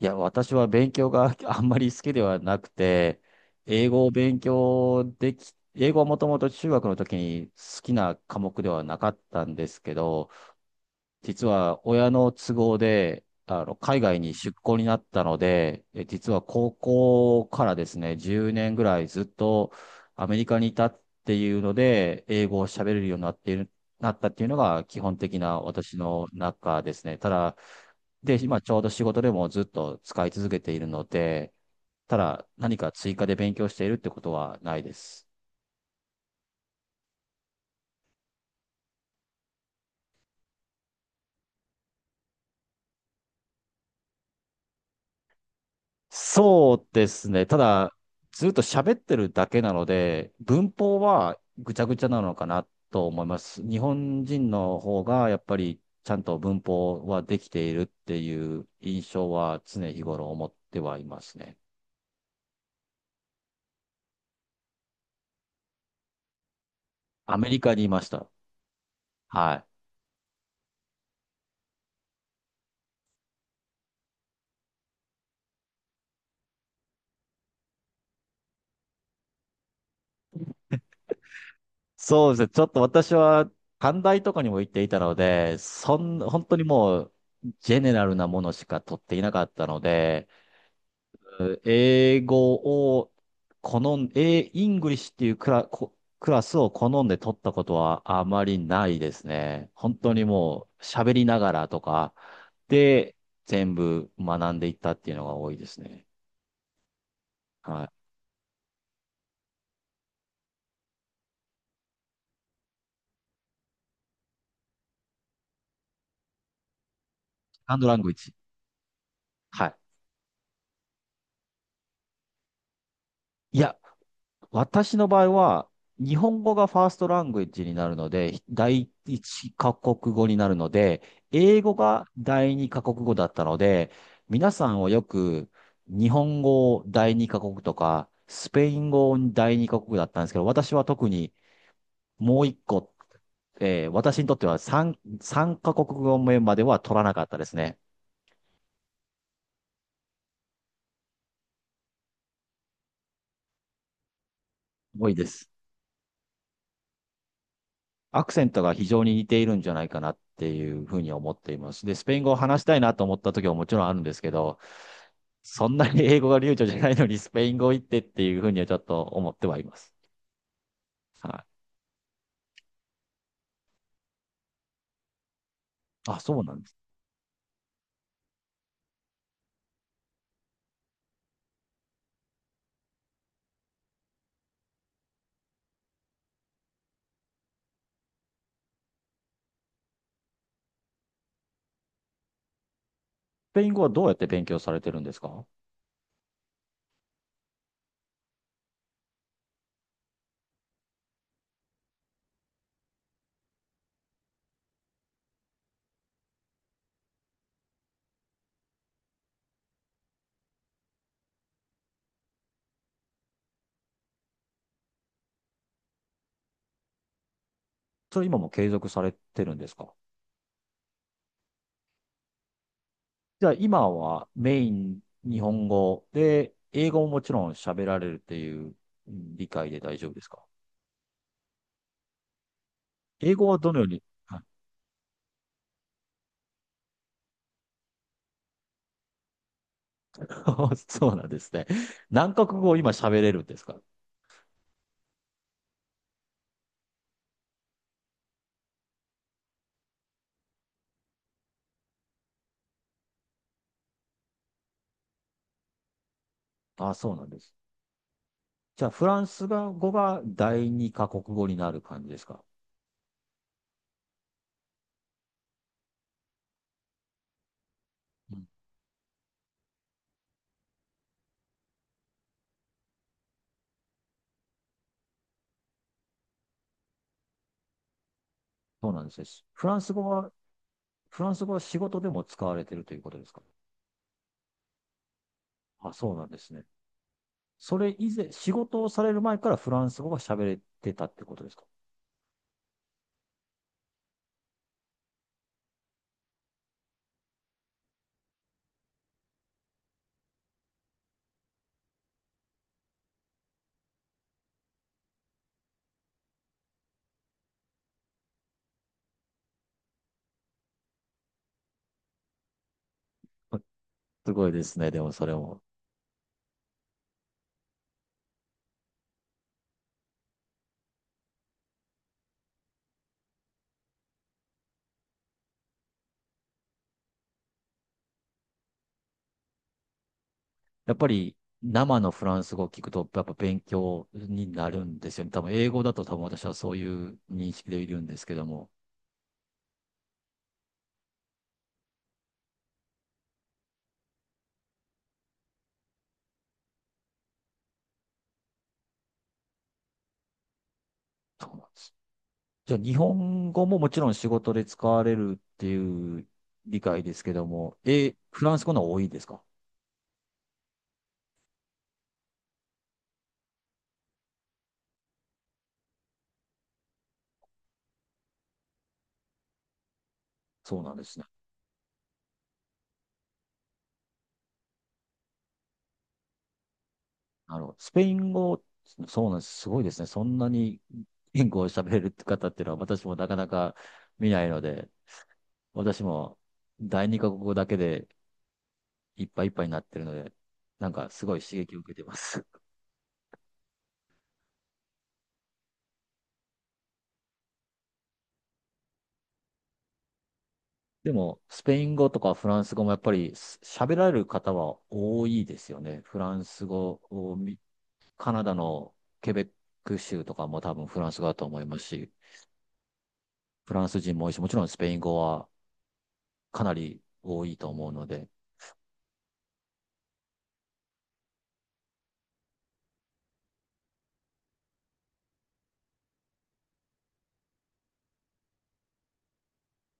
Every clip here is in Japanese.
いや、私は勉強が あんまり好きではなくて、英語を勉強でき、英語はもともと中学の時に好きな科目ではなかったんですけど、実は親の都合で、海外に出向になったので、実は高校からですね、10年ぐらいずっとアメリカにいたっていうので、英語を喋れるようになっている、なったっていうのが基本的な私の中ですね。ただ、で、今ちょうど仕事でもずっと使い続けているので、ただ何か追加で勉強しているってことはないです。そうですね。ただ、ずっと喋ってるだけなので、文法はぐちゃぐちゃなのかなと思います。日本人の方がやっぱりちゃんと文法はできているっていう印象は常日頃思ってはいますね。アメリカにいました。はい。そうですね。ちょっと私は短大とかにも行っていたので、本当にもうジェネラルなものしか取っていなかったので、英語を好ん、英、イングリッシュっていうクラ、こクラスを好んで取ったことはあまりないですね。本当にもう喋りながらとかで全部学んでいったっていうのが多いですね。はい。セカンドラングイッジ。はい。いや、私の場合は、日本語がファーストラングエッジになるので、第一カ国語になるので、英語が第二カ国語だったので、皆さんはよく日本語を第二カ国とか、スペイン語を第二カ国だったんですけど、私は特にもう一個、私にとっては三カ国語目までは取らなかったですね。多いです。アクセントが非常に似ているんじゃないかなっていうふうに思っています。で、スペイン語を話したいなと思った時はもちろんあるんですけど、そんなに英語が流暢じゃないのにスペイン語行ってっていうふうにはちょっと思ってはいます。はい。あ、そうなんです。スペイン語はどうやって勉強されてるんですか？それ今も継続されてるんですか？じゃあ今はメイン日本語で、英語ももちろん喋られるっていう理解で大丈夫ですか？英語はどのように、はい。 そうなんですね。何カ国語を今喋れるんですか？あ、そうなんです。じゃあ、フランス語が第二カ国語になる感じですか？うん、そうなんですね。フランス語は、フランス語は仕事でも使われてるということですか？あ、そうなんですね。それ以前、仕事をされる前からフランス語が喋れてたってことですか？ すごいですね。でもそれも。やっぱり生のフランス語を聞くと、やっぱ勉強になるんですよね。多分英語だと多分私はそういう認識でいるんですけども。そうなんです。じゃあ、日本語ももちろん仕事で使われるっていう理解ですけども、え、フランス語の方が多いですか？そうなんですね。なるほど。スペイン語、そうなんです。すごいですね。そんなに言語を喋れるって方っていうのは私もなかなか見ないので、私も第二カ国語だけでいっぱいいっぱいになってるので、なんかすごい刺激を受けてます。でも、スペイン語とかフランス語もやっぱり喋られる方は多いですよね。フランス語を見カナダのケベック州とかも多分フランス語だと思いますし、フランス人も多いし、もちろんスペイン語はかなり多いと思うので、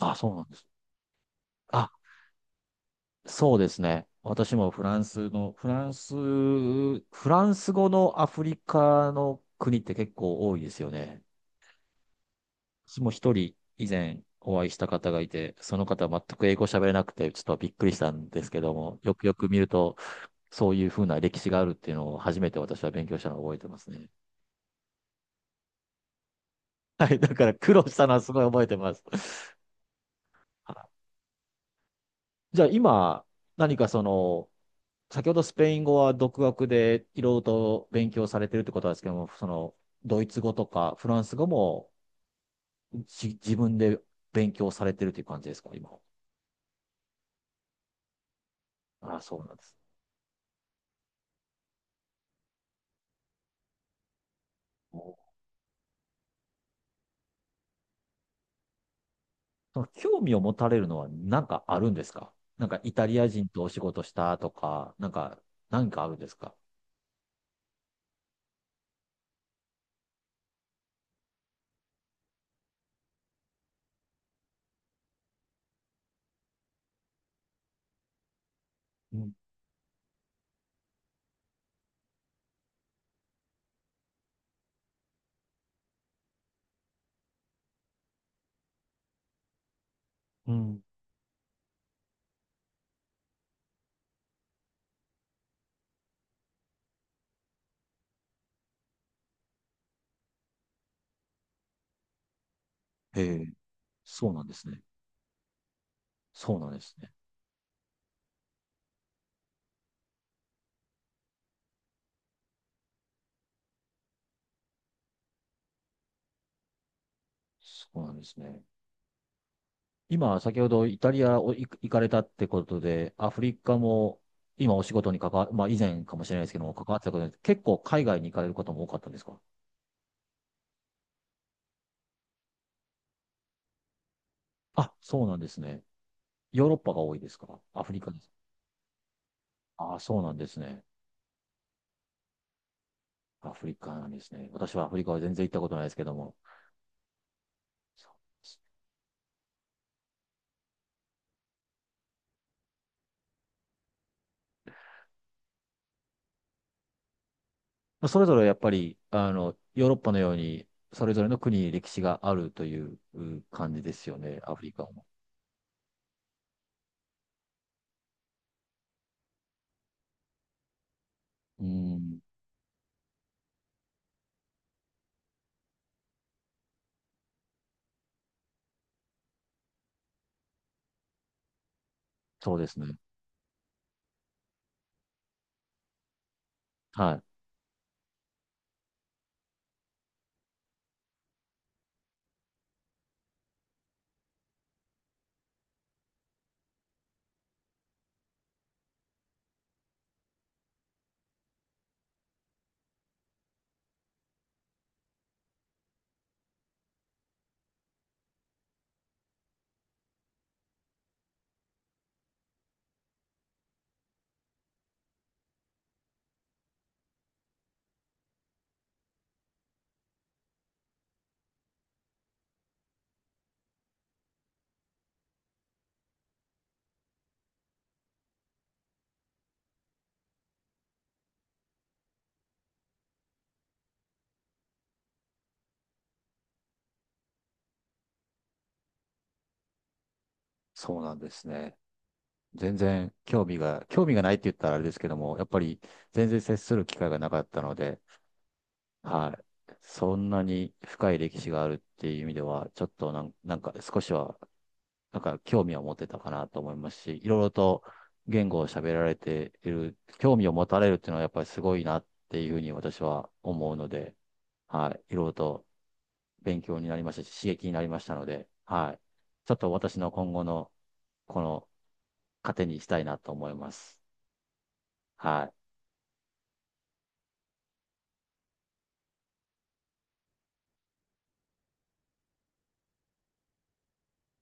あ、そうなんです。あ、そうですね。私もフランス語のアフリカの国って結構多いですよね。私も一人以前お会いした方がいて、その方は全く英語喋れなくて、ちょっとびっくりしたんですけども、よくよく見ると、そういうふうな歴史があるっていうのを初めて私は勉強したのを覚えてますね。はい。だから苦労したのはすごい覚えてます。はい。じゃあ今、何かその、先ほどスペイン語は独学でいろいろと勉強されてるってことなんですけども、その、ドイツ語とかフランス語も自分で勉強されてるという感じですか、今。ああ、そうなんです。お、その興味を持たれるのは何かあるんですか？なんかイタリア人とお仕事したとか、なんか、何かあるんですか？うん。うん。へえ、そうなんですね。そうなんですね。そうなんですね。今、先ほどイタリアを行かれたってことで、アフリカも今お仕事にまあ以前かもしれないですけども、関わってたことで、結構海外に行かれることも多かったんですか？あ、そうなんですね。ヨーロッパが多いですか？アフリカです。ああ、そうなんですね。アフリカなんですね。私はアフリカは全然行ったことないですけども。そうです。まあそれぞれやっぱり、あの、ヨーロッパのように、それぞれの国に歴史があるという感じですよね、アフリカも。うん、そうですね。はい。そうなんですね。全然興味が、興味がないって言ったらあれですけども、やっぱり全然接する機会がなかったので、はい。そんなに深い歴史があるっていう意味では、ちょっとなんか少しは、なんか興味を持てたかなと思いますし、いろいろと言語を喋られている、興味を持たれるっていうのはやっぱりすごいなっていうふうに私は思うので、はい。いろいろと勉強になりましたし、刺激になりましたので、はい。ちょっと私の今後の、この糧にしたいなと思います。はい。